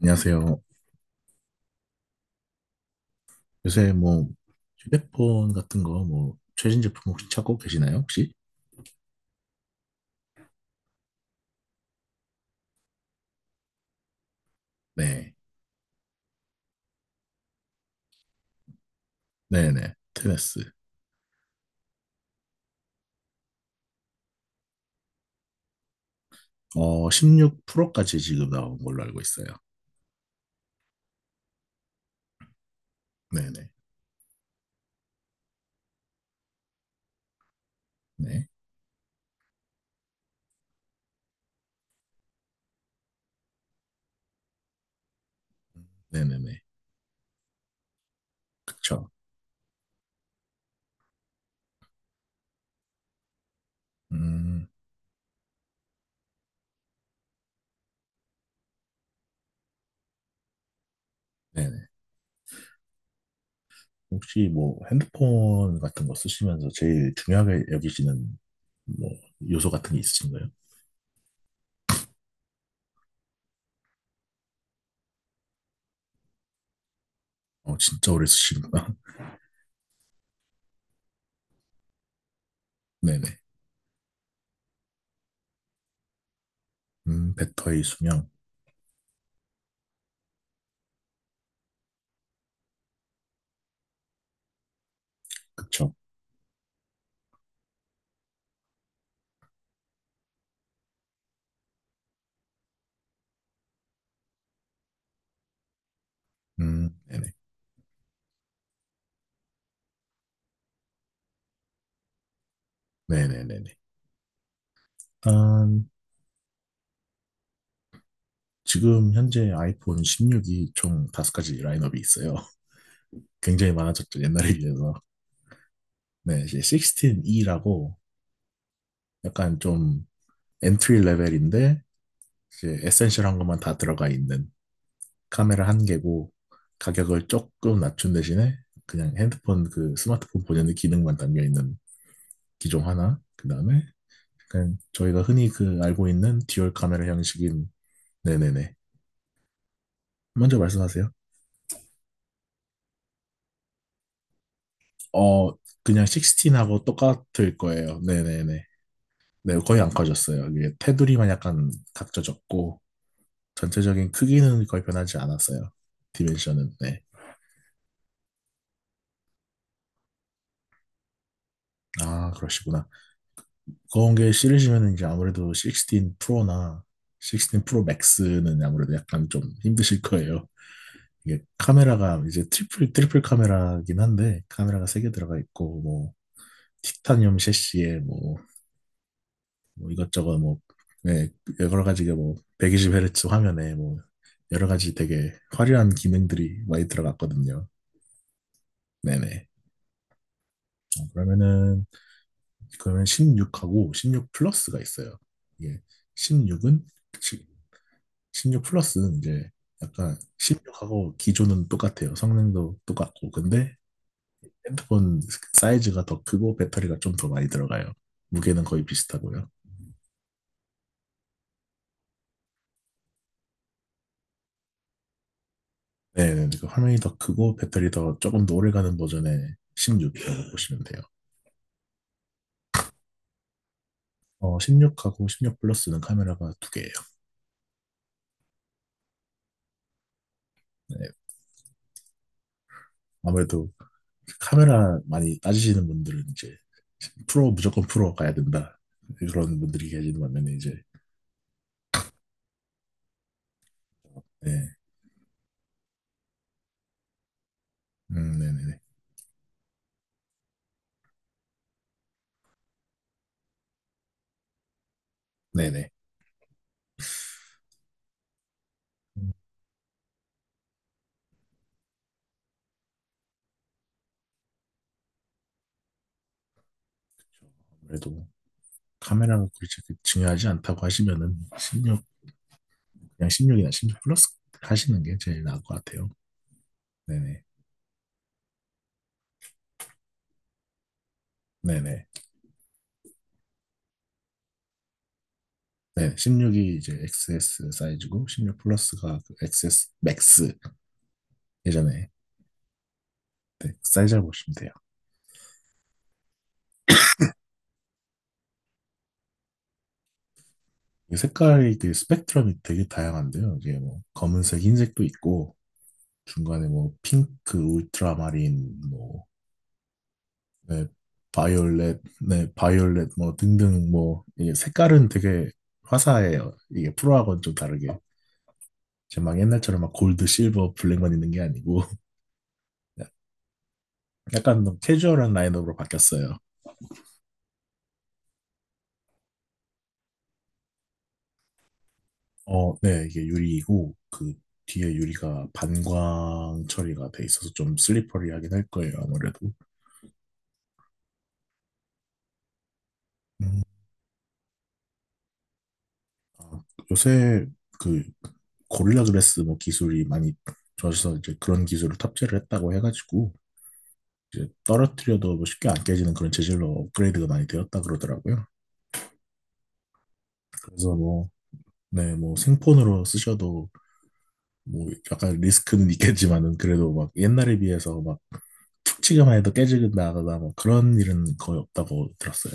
안녕하세요. 요새 뭐 휴대폰 같은 거 뭐 최신 제품 혹시 찾고 계시나요, 혹시? 네. 네네. 테네스. 16 프로까지 지금 나온 걸로 알고 있어요. 네네. 네. 네네네. 그쵸. 음, 네네. 혹시 뭐 핸드폰 같은 거 쓰시면서 제일 중요하게 여기시는 뭐 요소 같은 게 있으신가요? 진짜 오래 쓰시는구나. 네네. 배터리 수명. 그쵸. 네네. 네네네네. 일단 지금 현재 아이폰 16이 총 다섯 가지 라인업이 있어요. 굉장히 많아졌죠, 옛날에 비해서. 네, 이제 16E라고 약간 좀 엔트리 레벨인데 이제 에센셜한 것만 다 들어가 있는 카메라 한 개고 가격을 조금 낮춘 대신에 그냥 핸드폰 그 스마트폰 본연의 기능만 담겨 있는 기종 하나. 그다음에 그냥 저희가 흔히 그 알고 있는 듀얼 카메라 형식인 네네네. 먼저 말씀하세요. 어, 그냥 16하고 똑같을 거예요. 네네네. 네, 거의 안 커졌어요. 이게 테두리만 약간 각져졌고, 전체적인 크기는 거의 변하지 않았어요. 디멘션은, 네. 아, 그러시구나. 그런 게 싫으시면 이제 아무래도 16 프로나 16 프로 맥스는 아무래도 약간 좀 힘드실 거예요. 이게 카메라가 이제 트리플 카메라긴 한데, 카메라가 세 개 들어가 있고, 뭐, 티타늄 셰시에 뭐, 뭐 이것저것 뭐, 네, 여러 가지가 뭐, 120Hz 화면에 뭐, 여러 가지 되게 화려한 기능들이 많이 들어갔거든요. 네네. 어, 그러면은, 그러면 16하고 16 플러스가 있어요. 이게 16은, 16 플러스는 이제 약간 16하고 기존은 똑같아요. 성능도 똑같고. 근데 핸드폰 사이즈가 더 크고 배터리가 좀 더 많이 들어가요. 무게는 거의 비슷하고요. 네, 네, 네. 그 화면이 더 크고 배터리 더 조금 더 오래 가는 버전의 16이라고 보시면 돼요. 16하고 16 플러스는 카메라가 두 개예요. 네, 아무래도 카메라 많이 따지시는 분들은 이제 프로 무조건 프로 가야 된다 그런 분들이 계시는 반면에 이제 네, 네네네, 네네. 음, 아무래도 카메라가 그렇게 중요하지 않다고 하시면은 16 그냥 16이나 16 플러스 하시는 게 제일 나을 것 같아요. 네네, 네네. 네, 16이 이제 XS 사이즈고 16 플러스가 그 XS 맥스 예전에 네, 그 사이즈라고 보시면 돼요. 이 색깔이 그 스펙트럼이 되게 다양한데요. 이게 뭐 검은색, 흰색도 있고 중간에 뭐 핑크, 울트라마린, 뭐 네, 바이올렛, 네, 바이올렛 뭐 등등 뭐 이게 색깔은 되게 화사해요. 이게 프로하고는 좀 다르게 이제 막 옛날처럼 막 골드, 실버, 블랙만 있는 게 아니고 약간 좀 캐주얼한 라인업으로 바뀌었어요. 어, 네, 이게 유리이고, 그 뒤에 유리가 반광 처리가 돼 있어서 좀 슬리퍼리하긴 할 거예요, 아무래도. 음, 아, 요새 그 고릴라 글래스 뭐 기술이 많이 좋아져서 이제 그런 기술을 탑재를 했다고 해가지고, 이제 떨어뜨려도 뭐 쉽게 안 깨지는 그런 재질로 업그레이드가 많이 되었다 그러더라고요. 그래서 뭐, 네, 뭐 생폰으로 쓰셔도 뭐 약간 리스크는 있겠지만은 그래도 막 옛날에 비해서 막 툭 치기만 해도 깨지거나 뭐 그런 일은 거의 없다고 들었어요.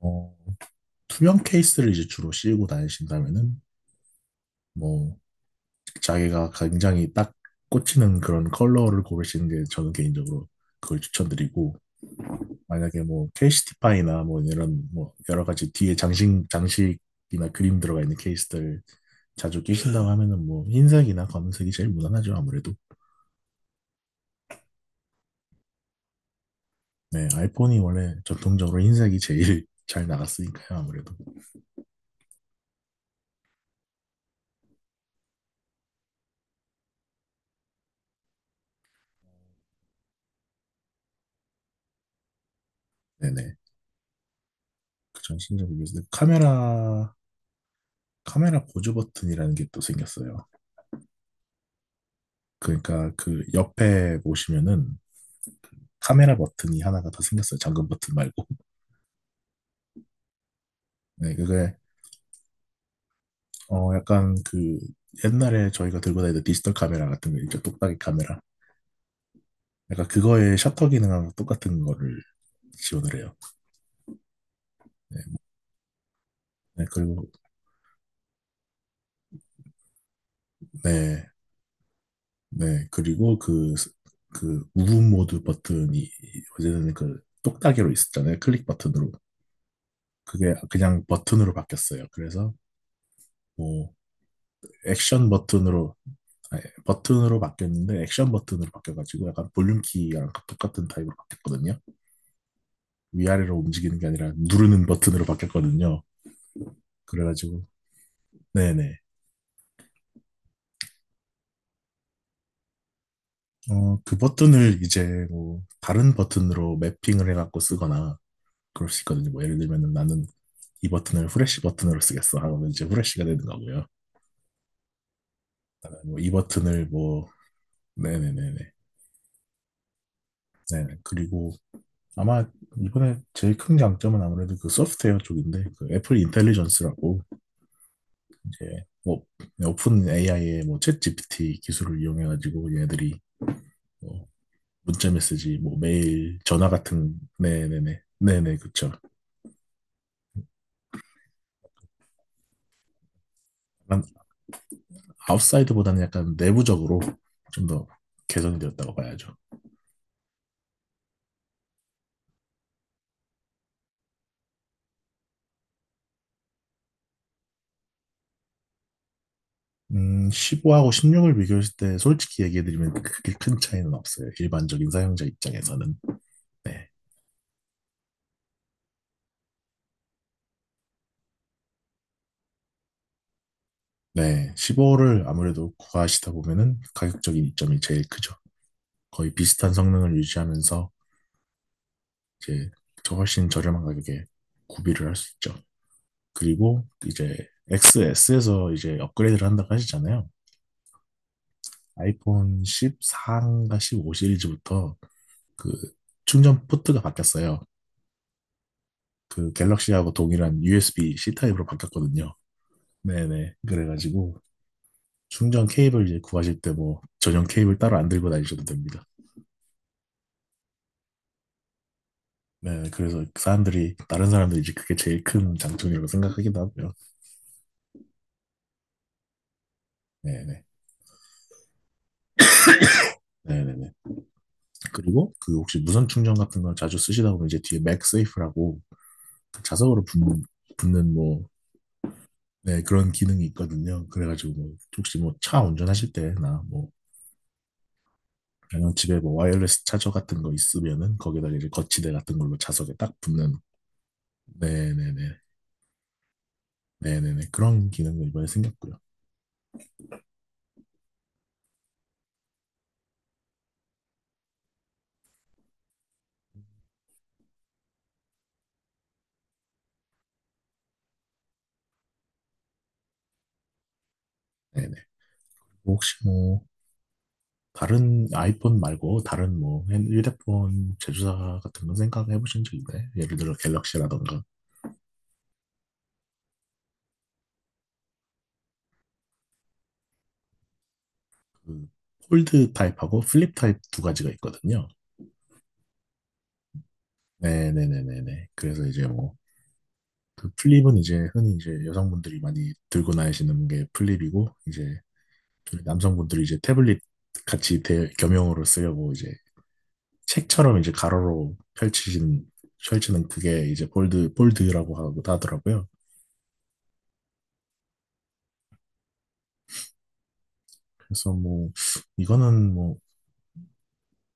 어, 투명 케이스를 이제 주로 씌우고 다니신다면은 뭐 자기가 굉장히 딱 꽂히는 그런 컬러를 고르시는 게 저는 개인적으로 그걸 추천드리고 만약에 뭐 케이시티파이나 뭐 이런 뭐 여러 가지 뒤에 장식 장식이나 그림 들어가 있는 케이스들 자주 끼신다고 하면은 뭐 흰색이나 검은색이 제일 무난하죠 아무래도. 네 아이폰이 원래 전통적으로 흰색이 제일 잘 나갔으니까요 아무래도. 네네 그 전신적인 요소 카메라 카메라 보조 버튼이라는 게 또 생겼어요. 그러니까 그 옆에 보시면은 카메라 버튼이 하나가 더 생겼어요. 잠금 버튼 말고. 네, 그게 약간 그 옛날에 저희가 들고 다니던 디지털 카메라 같은 거 있죠. 똑딱이 카메라. 약간 그거의 셔터 기능하고 똑같은 거를 지원을 해요. 네, 네, 그리고 네, 네 그리고 그 그 무분 모드 버튼이 어제는 그 똑딱이로 있었잖아요. 클릭 버튼으로. 그게 그냥 버튼으로 바뀌었어요. 그래서 뭐 액션 버튼으로 예, 버튼으로 바뀌었는데 액션 버튼으로 바뀌어가지고 약간 볼륨 키랑 똑같은 타입으로 바뀌었거든요. 위아래로 움직이는 게 아니라 누르는 버튼으로 바뀌었거든요. 그래가지고 네네. 그 버튼을 이제 뭐 다른 버튼으로 매핑을 해갖고 쓰거나 그럴 수 있거든요. 뭐 예를 들면은 나는 이 버튼을 후레쉬 버튼으로 쓰겠어 하면 이제 후레쉬가 되는 거고요. 뭐 이 버튼을 뭐 네네네네. 네네. 그리고 아마 이번에 제일 큰 장점은 아무래도 그 소프트웨어 쪽인데 그 애플 인텔리전스라고 이렇게 뭐 오픈 AI의 뭐 챗GPT 기술을 이용해가지고 얘들이 뭐 문자 메시지, 뭐 메일, 전화 같은 네네네 네네 그쵸. 약간 아웃사이드보다는 약간 내부적으로 좀 더 개선이 되었다고 봐야죠. 15하고 16을 비교했을 때 솔직히 얘기해드리면 그렇게 큰 차이는 없어요. 일반적인 사용자 입장에서는. 네. 네. 15를 아무래도 구하시다 보면은 가격적인 이점이 제일 크죠. 거의 비슷한 성능을 유지하면서 이제 저 훨씬 저렴한 가격에 구비를 할 수 있죠. 그리고 이제 XS에서 이제 업그레이드를 한다고 하시잖아요. 아이폰 14인가 15 시리즈부터 그 충전 포트가 바뀌었어요. 그 갤럭시하고 동일한 USB-C 타입으로 바뀌었거든요. 네네. 그래가지고 충전 케이블 이제 구하실 때 뭐 전용 케이블 따로 안 들고 다니셔도 됩니다. 네, 그래서 사람들이 다른 사람들이 이제 그게 제일 큰 장점이라고 생각하기도 하고요. 네네. 네네네. 그리고 그 혹시 무선 충전 같은 걸 자주 쓰시다 보면 이제 뒤에 맥세이프라고 그 자석으로 붙는, 붙는 뭐, 네, 그런 기능이 있거든요. 그래가지고 뭐 혹시 뭐 차 운전하실 때나 뭐 그냥 집에 뭐 와이어리스 차저 같은 거 있으면은 거기다가 이제 거치대 같은 걸로 자석에 딱 붙는 네네네 네네네 그런 기능도 이번에 생겼고요. 네네. 혹시 뭐 다른 아이폰 말고 다른 뭐 핸- 휴대폰 제조사 같은 거 생각해 보신 적 있나요? 예를 들어 갤럭시라던가 그 폴드 타입하고 플립 타입 두 가지가 있거든요. 네네네네네. 그래서 이제 뭐, 그 플립은 이제 흔히 이제 여성분들이 많이 들고 다니시는 게 플립이고, 이제 그 남성분들이 이제 태블릿 같이 대, 겸용으로 쓰려고 이제 책처럼 이제 가로로 펼치신, 펼치는 그게 이제 폴드, 폴드라고 하고 하더라고요. 그래서 뭐, 이거는 뭐,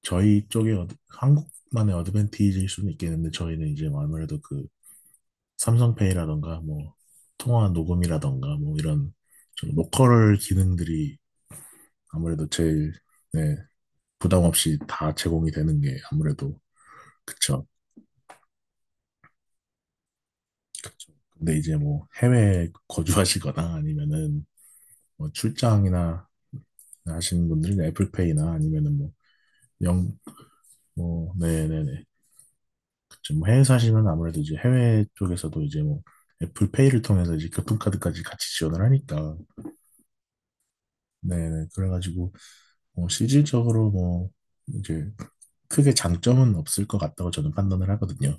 저희 쪽에 어드- 한국만의 어드밴티지일 수는 있겠는데, 저희는 이제 아무래도 그 삼성페이라던가 뭐 통화 녹음이라던가 뭐 이런 좀 로컬 기능들이 아무래도 제일 네, 부담 없이 다 제공이 되는 게 아무래도 그쵸. 그쵸. 근데 이제 뭐 해외 거주하시거나 아니면은 뭐 출장이나 하시는 분들은 애플페이나 아니면은 뭐 영, 뭐 네네네. 그쵸. 뭐 해외 사시면 아무래도 이제 해외 쪽에서도 이제 뭐 애플페이를 통해서 이제 교통카드까지 같이 지원을 하니까 네네. 그래가지고 뭐 실질적으로 뭐 이제 크게 장점은 없을 것 같다고 저는 판단을 하거든요.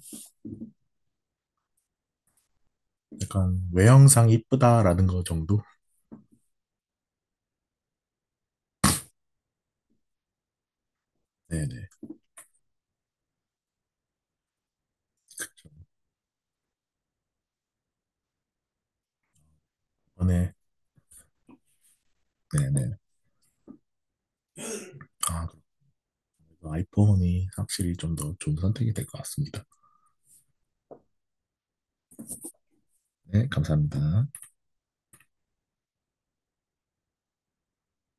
약간 외형상 이쁘다라는 거 정도? 네네. 이번에 네네. 아, 그래도 아이폰이 확실히 좀 더 좋은 선택이 될 것 같습니다. 네, 감사합니다.